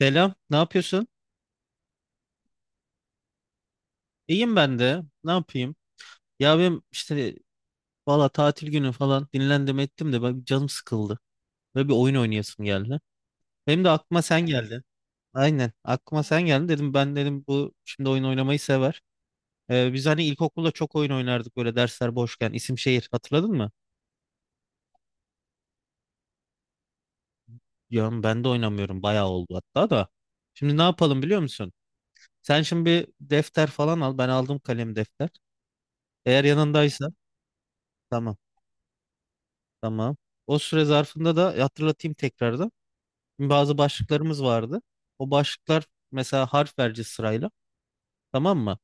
Selam, ne yapıyorsun? İyiyim ben de. Ne yapayım? Ya benim işte valla tatil günü falan dinlendim ettim de ben canım sıkıldı. Böyle bir oyun oynayasım geldi. Benim de aklıma sen geldi. Aynen aklıma sen geldi dedim, ben dedim bu şimdi oyun oynamayı sever. Biz hani ilkokulda çok oyun oynardık böyle dersler boşken, isim şehir hatırladın mı? Ya ben de oynamıyorum, bayağı oldu hatta da. Şimdi ne yapalım biliyor musun? Sen şimdi bir defter falan al, ben aldım kalem defter. Eğer yanındaysa tamam. Tamam. O süre zarfında da hatırlatayım tekrardan. Bazı başlıklarımız vardı. O başlıklar, mesela harf vereceğiz sırayla. Tamam mı?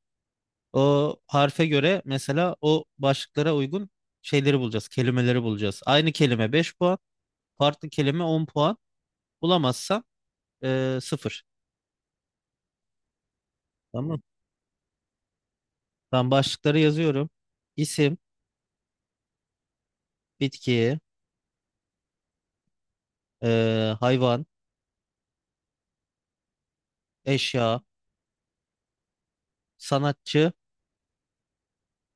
O harfe göre mesela o başlıklara uygun şeyleri bulacağız. Kelimeleri bulacağız. Aynı kelime 5 puan. Farklı kelime 10 puan. Bulamazsan 0. Tamam. Ben başlıkları yazıyorum. İsim, bitki, hayvan, eşya, sanatçı.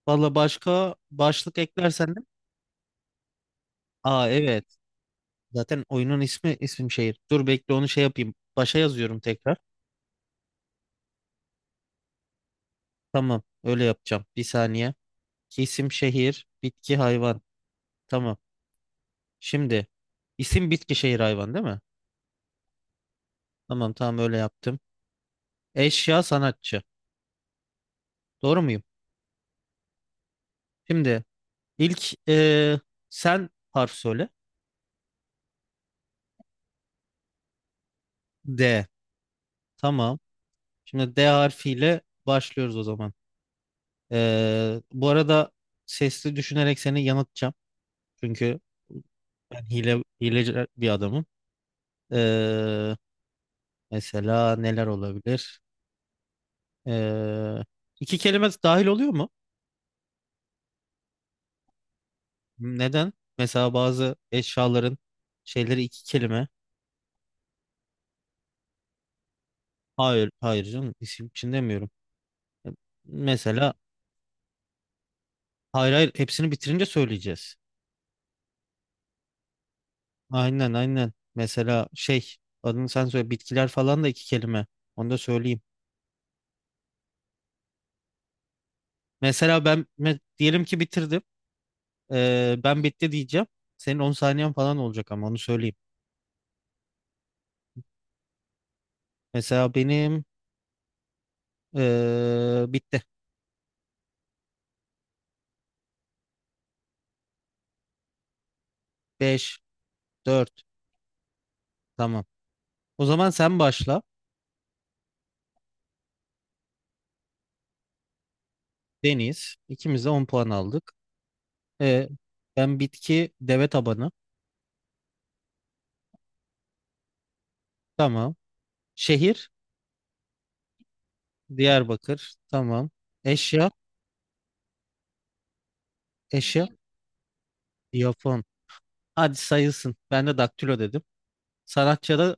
Valla başka başlık eklersen de. Aa evet. Zaten oyunun ismi isim şehir. Dur bekle onu şey yapayım. Başa yazıyorum tekrar. Tamam öyle yapacağım. Bir saniye. İsim şehir, bitki hayvan. Tamam. Şimdi isim bitki şehir hayvan değil mi? Tamam tamam öyle yaptım. Eşya sanatçı. Doğru muyum? Şimdi ilk sen harf söyle. D. Tamam. Şimdi D harfiyle başlıyoruz o zaman. Bu arada sesli düşünerek seni yanıltacağım. Çünkü ben hileci bir adamım. Eee Mesela neler olabilir? Ee, iki kelime dahil oluyor mu? Neden? Mesela bazı eşyaların şeyleri iki kelime. Hayır, hayır canım. İsim için demiyorum. Mesela hayır hayır, hepsini bitirince söyleyeceğiz. Aynen aynen. Mesela şey, adını sen söyle, bitkiler falan da iki kelime. Onu da söyleyeyim. Mesela ben diyelim ki bitirdim. Ben bitti diyeceğim. Senin 10 saniyen falan olacak ama onu söyleyeyim. Mesela benim bitti. 5. Dört. Tamam. O zaman sen başla. Deniz. İkimiz de 10 puan aldık. Ee, Ben bitki deve tabanı. Tamam. Şehir Diyarbakır. Tamam. Eşya eşya Japon. Hadi sayılsın. Ben de daktilo dedim. Sanatçıya da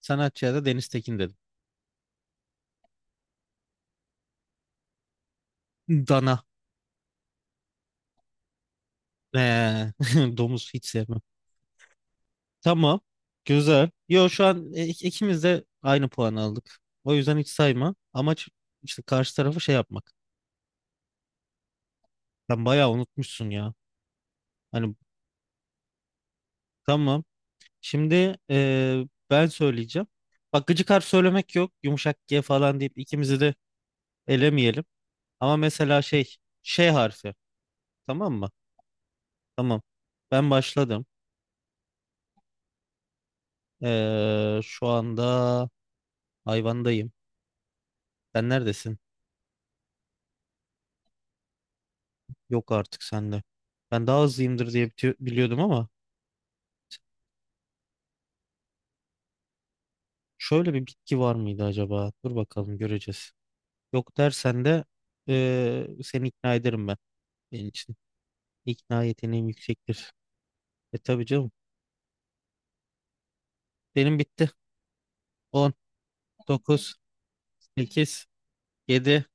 sanatçıya da Deniz Tekin dedim. Dana. Ee, Domuz hiç sevmem. Tamam. Güzel. Yo şu an ikimiz de aynı puan aldık. O yüzden hiç sayma. Amaç işte karşı tarafı şey yapmak. Sen bayağı unutmuşsun ya. Hani tamam. Şimdi ben söyleyeceğim. Bak gıcık harf söylemek yok. Yumuşak G falan deyip ikimizi de elemeyelim. Ama mesela şey, şey harfi. Tamam mı? Tamam. Ben başladım. Şu anda hayvandayım. Sen neredesin? Yok artık sende. Ben daha hızlıyımdır diye biliyordum ama şöyle bir bitki var mıydı acaba? Dur bakalım göreceğiz. Yok dersen de seni ikna ederim ben. Benim için ikna yeteneğim yüksektir. E tabii canım. Benim bitti. On, dokuz, sekiz, yedi,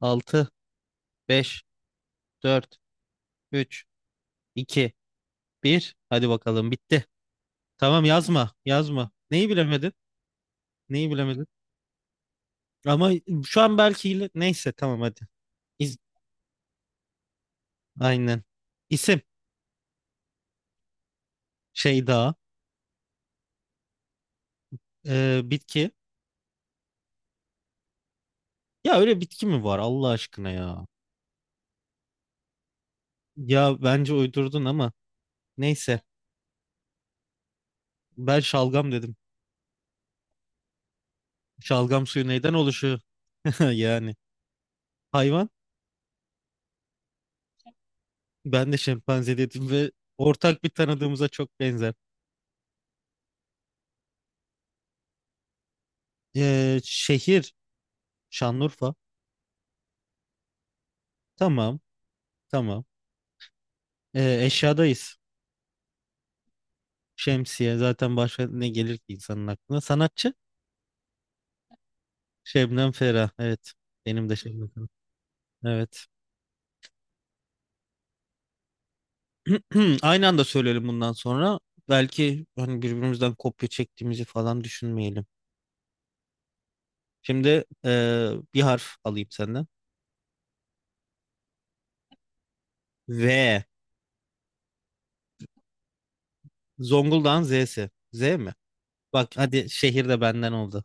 altı, beş, dört, üç, iki, bir. Hadi bakalım bitti. Tamam yazma, yazma. Neyi bilemedin? Neyi bilemedin? Ama şu an belki neyse tamam hadi. İz... Aynen. İsim şey daha. Bitki. Ya öyle bitki mi var Allah aşkına ya? Ya bence uydurdun ama neyse. Ben şalgam dedim. Şalgam suyu neyden oluşuyor? Yani. Hayvan. Ben de şempanze dedim ve ortak bir tanıdığımıza çok benzer. Şehir Şanlıurfa. Tamam, tamam. Eşyadayız. Şemsiye zaten başka ne gelir ki insanın aklına? Sanatçı Şebnem Ferah. Evet. Benim de Şebnem Ferah. Evet. Aynı anda söyleyelim bundan sonra. Belki hani birbirimizden kopya çektiğimizi falan düşünmeyelim. Şimdi bir harf alayım senden. V. Zonguldak'ın Z'si. Z mi? Bak hadi şehir de benden oldu.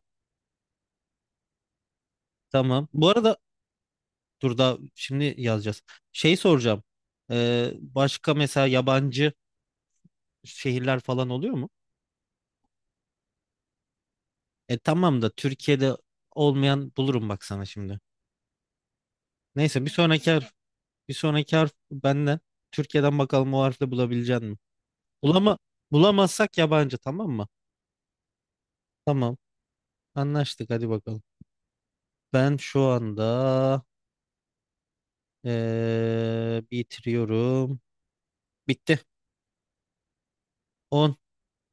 Tamam. Bu arada dur da şimdi yazacağız. Şey soracağım. Başka mesela yabancı şehirler falan oluyor mu? E tamam da Türkiye'de olmayan bulurum bak sana şimdi. Neyse bir sonraki harf, bir sonraki harf benden. Türkiye'den bakalım o harfle bulabilecek mi? Bulama, bulamazsak yabancı tamam mı? Tamam anlaştık hadi bakalım. Ben şu anda bitiriyorum. Bitti. On,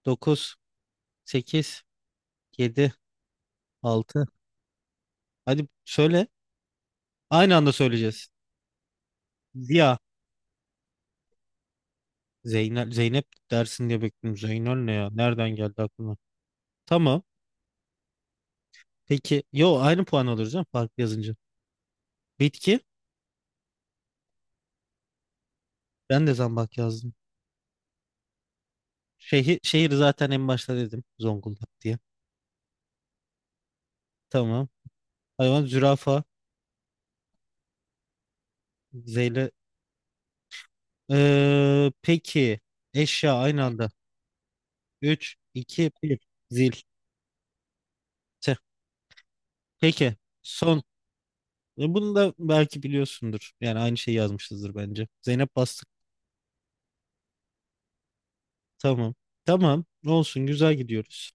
dokuz, sekiz, yedi, altı. Hadi söyle. Aynı anda söyleyeceğiz. Ziya. Zeynep, Zeynep dersin diye bekliyorum. Zeynel ne ya? Nereden geldi aklıma? Tamam. Peki. Yo aynı puan alırız canım. Fark yazınca. Bitki. Ben de zambak yazdım. Şehir, şehir zaten en başta dedim. Zonguldak diye. Tamam. Hayvan zürafa. Zeyle. Peki. Eşya aynı anda. 3, 2, 1. Zil. Tüh. Peki. Son. E, bunu da belki biliyorsundur. Yani aynı şeyi yazmışızdır bence. Zeynep bastı. Tamam. Tamam. Olsun. Güzel gidiyoruz.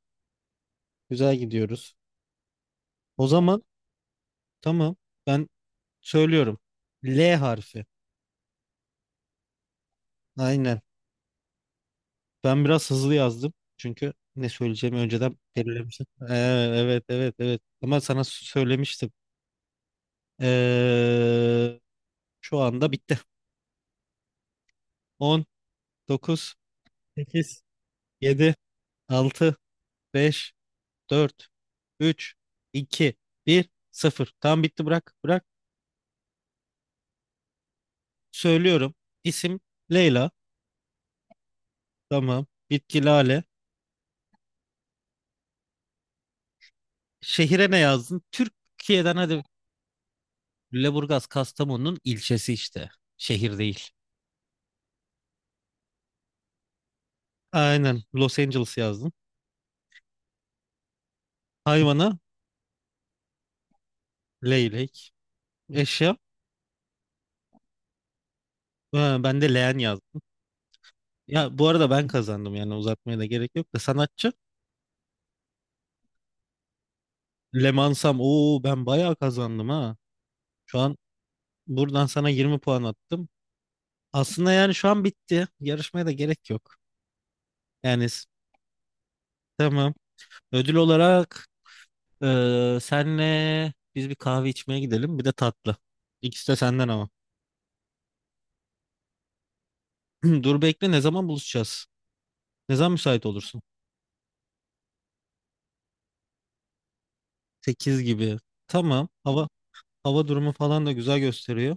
Güzel gidiyoruz. O zaman tamam. Ben söylüyorum. L harfi. Aynen. Ben biraz hızlı yazdım. Çünkü ne söyleyeceğimi önceden belirlemiştim. Evet evet evet. Ama sana söylemiştim. Ee, Şu anda bitti. On, dokuz, sekiz, yedi, altı, beş, dört, üç, iki, bir, sıfır. Tam bitti bırak. Bırak. Söylüyorum. İsim Leyla. Tamam. Bitki Lale. Şehire ne yazdın? Türkiye'den hadi. Lüleburgaz Kastamonu'nun ilçesi işte. Şehir değil. Aynen. Los Angeles yazdım. Hayvana leylek. Eşya. Ha, ben de leğen yazdım. Ya bu arada ben kazandım yani uzatmaya da gerek yok da sanatçı. Lemansam. Oo ben bayağı kazandım ha. Şu an buradan sana 20 puan attım. Aslında yani şu an bitti. Yarışmaya da gerek yok. Yani tamam. Ödül olarak senle biz bir kahve içmeye gidelim. Bir de tatlı. İkisi de senden ama. Dur bekle ne zaman buluşacağız? Ne zaman müsait olursun? 8 gibi. Tamam. Hava hava durumu falan da güzel gösteriyor.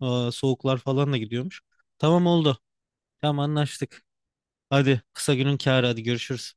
Aa, soğuklar falan da gidiyormuş. Tamam oldu. Tamam anlaştık. Hadi kısa günün kârı hadi görüşürüz.